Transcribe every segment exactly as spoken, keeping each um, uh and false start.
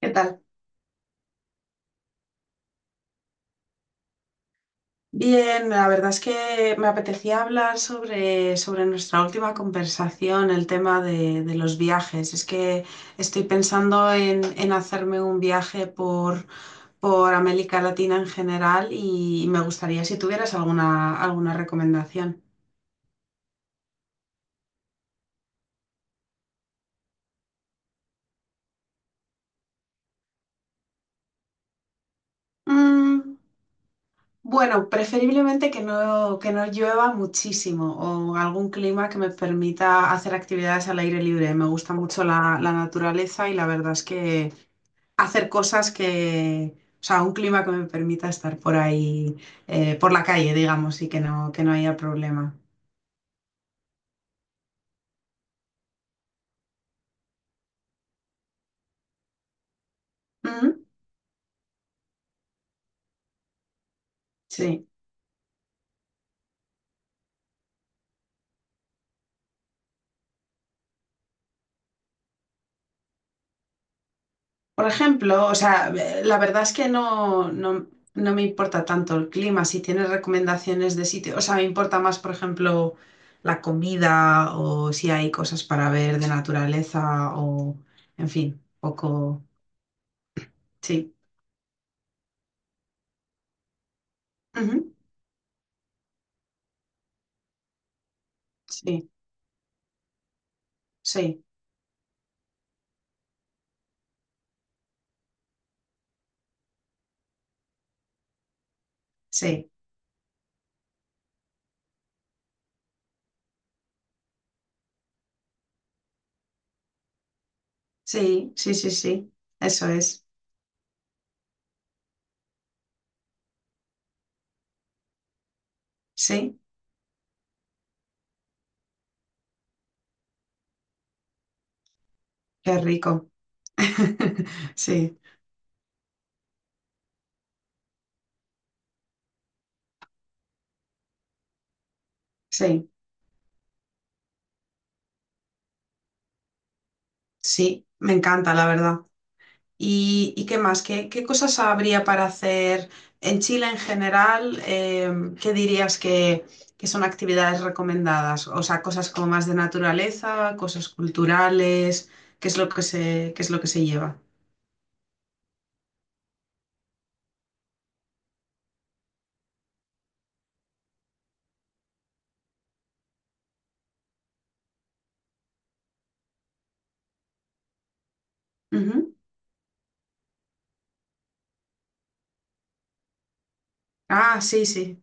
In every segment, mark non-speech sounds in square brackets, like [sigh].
¿Qué tal? Bien, la verdad es que me apetecía hablar sobre, sobre nuestra última conversación, el tema de, de los viajes. Es que estoy pensando en, en hacerme un viaje por, por América Latina en general y me gustaría si tuvieras alguna, alguna recomendación. Mm, bueno, preferiblemente que no, que no llueva muchísimo o algún clima que me permita hacer actividades al aire libre. Me gusta mucho la, la naturaleza y la verdad es que hacer cosas que, o sea, un clima que me permita estar por ahí, eh, por la calle, digamos, y que no, que no haya problema. Ujú. Sí. Por ejemplo, o sea, eh, la verdad es que no, no, no me importa tanto el clima. Si tienes recomendaciones de sitio, o sea, me importa más, por ejemplo, la comida o si hay cosas para ver de naturaleza o, en fin, poco, sí. Ujú. Sí, sí, sí, sí, sí, sí, sí, eso es, sí. Qué rico. [laughs] Sí, sí, sí, me encanta, la verdad. ¿Y, y qué más? ¿Qué, qué cosas habría para hacer en Chile en general? Em, ¿qué dirías que, que son actividades recomendadas? O sea, cosas como más de naturaleza, cosas culturales, ¿qué es lo que se, qué es lo que se lleva? Ujú. Ah, sí, sí,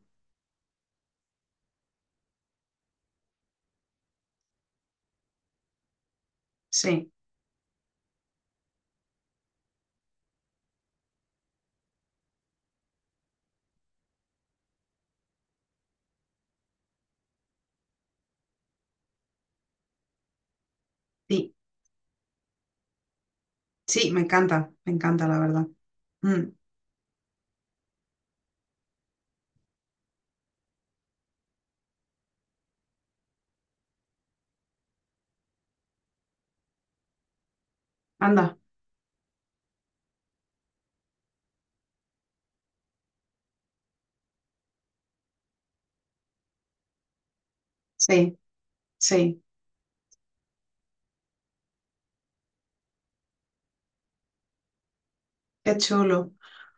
sí, sí, sí, me encanta, me encanta, la verdad. Mm, anda, sí, sí. Qué chulo.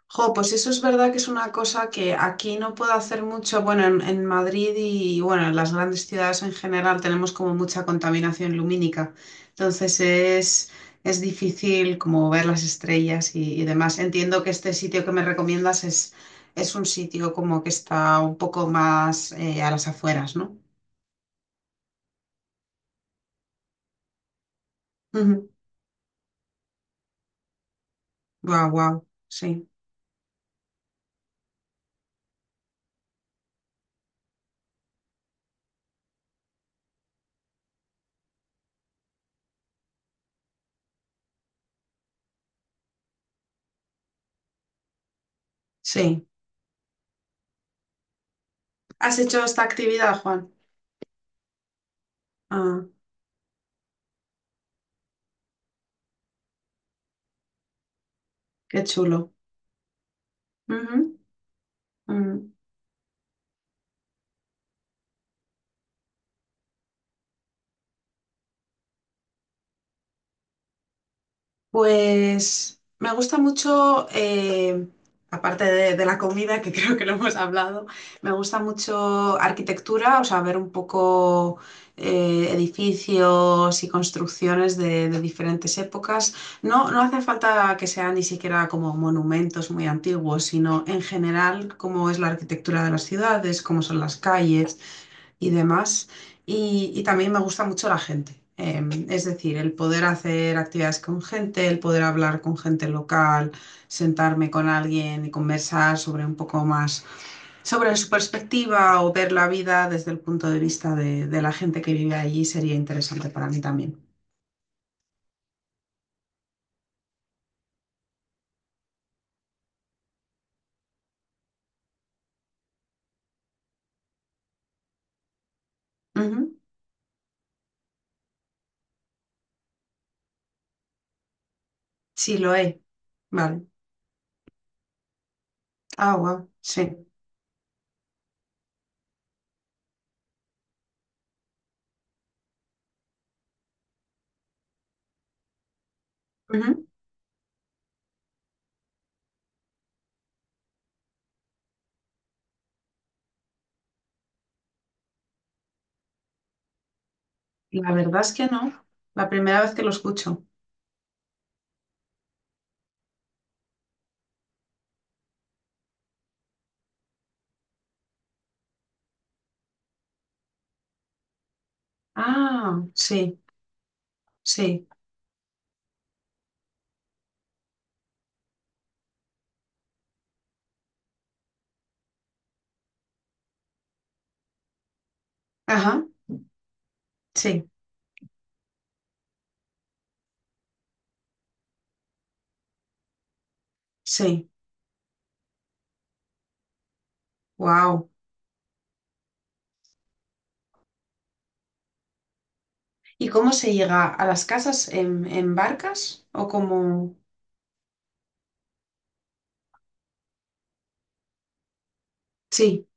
Jo, pues eso es verdad que es una cosa que aquí no puedo hacer mucho. Bueno, en, en Madrid y bueno, en las grandes ciudades en general tenemos como mucha contaminación lumínica. Entonces es, es difícil como ver las estrellas y, y demás. Entiendo que este sitio que me recomiendas es, es un sitio como que está un poco más eh, a las afueras, ¿no? Ujú. Guau, guau. Sí, sí. ¿Has hecho esta actividad, Juan? Ah, qué chulo. Ujú, ujú. Pues me gusta mucho, eh, aparte de, de la comida, que [laughs] creo que lo hemos hablado, me gusta mucho arquitectura, o sea, ver un poco eh, edificios y construcciones de, de diferentes épocas. No, no hace falta que sean ni siquiera como monumentos muy antiguos, sino en general cómo es la arquitectura de las ciudades, cómo son las calles y demás. Y, y también me gusta mucho la gente. Eh, es decir, el poder hacer actividades con gente, el poder hablar con gente local, sentarme con alguien y conversar sobre un poco más, sobre su perspectiva o ver la vida desde el punto de vista de, de la gente que vive allí sería interesante para mí también. Ujú. Sí, lo he. Vale. Ah, wow. Sí. Ujú. La verdad es que no. La primera vez que lo escucho. Ah, sí, sí. Ajá, sí, sí. Wow. ¿Y cómo se llega a las casas en, en barcas? ¿O como...? Sí.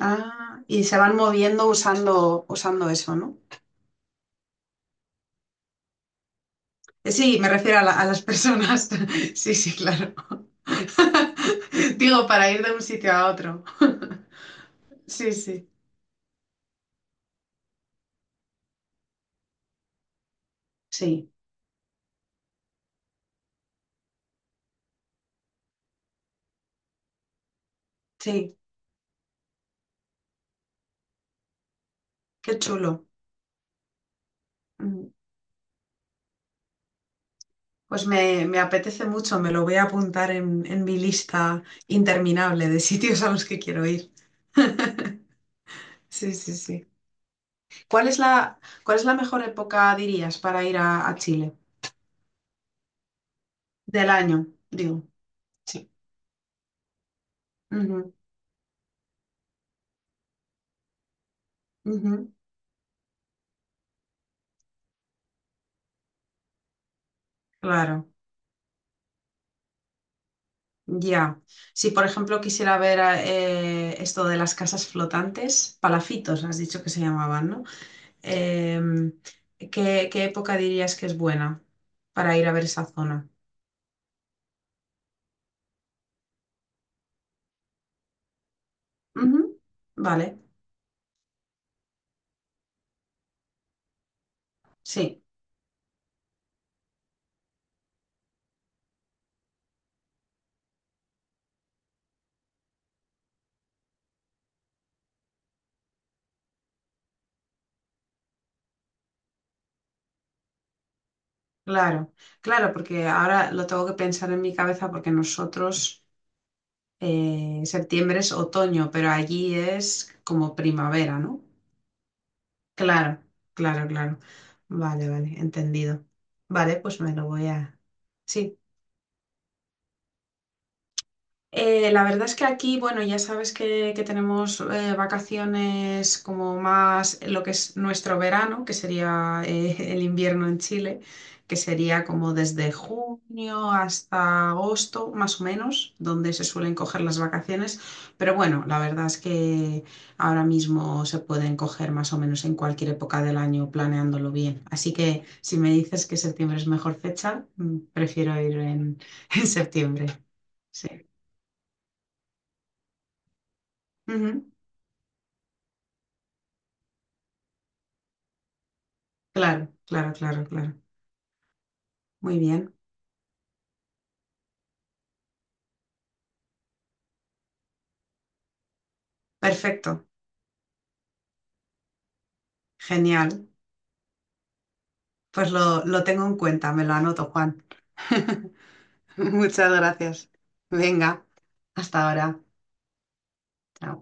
Ah, y se van moviendo usando, usando eso, ¿no? Eh, Sí, me refiero a, la- a las personas. [laughs] Sí, sí, claro. [laughs] Digo, para ir de un sitio a otro. [laughs] Sí, sí. Sí, sí. Qué chulo. Mm, Pues me, me apetece mucho, me lo voy a apuntar en, en mi lista interminable de sitios a los que quiero ir. [laughs] Sí, sí, sí. ¿Cuál es la, cuál es la mejor época, dirías, para ir a, a Chile? Del año, digo. Sí. Ujú, ujú. Claro, ya. Si, por ejemplo, quisiera ver eh, esto de las casas flotantes, palafitos, has dicho que se llamaban, ¿no? Em, ¿Qué, qué época dirías que es buena para ir a ver esa zona? Ujú. Vale, sí, claro. Claro, porque ahora lo tengo que pensar en mi cabeza porque nosotros... Eh, septiembre es otoño, pero allí es como primavera, ¿no? Claro, claro, claro. Vale, vale, entendido. Vale, pues me lo voy a... Sí, Eh, la verdad es que aquí, bueno, ya sabes que, que tenemos eh, vacaciones como más lo que es nuestro verano, que sería eh, [laughs] el invierno en Chile, que sería como desde junio hasta agosto, más o menos, donde se suelen coger las vacaciones. Pero bueno, la verdad es que ahora mismo se pueden coger más o menos en cualquier época del año planeándolo bien. Así que si me dices que septiembre es mejor fecha, mm, prefiero ir en, [laughs] en septiembre. Sí. Ujú. Claro, claro, claro, claro. Muy bien. Perfecto. Genial. Pues lo, lo tengo en cuenta, me lo anoto, Juan. [laughs] Muchas gracias. Venga, hasta ahora. Chao.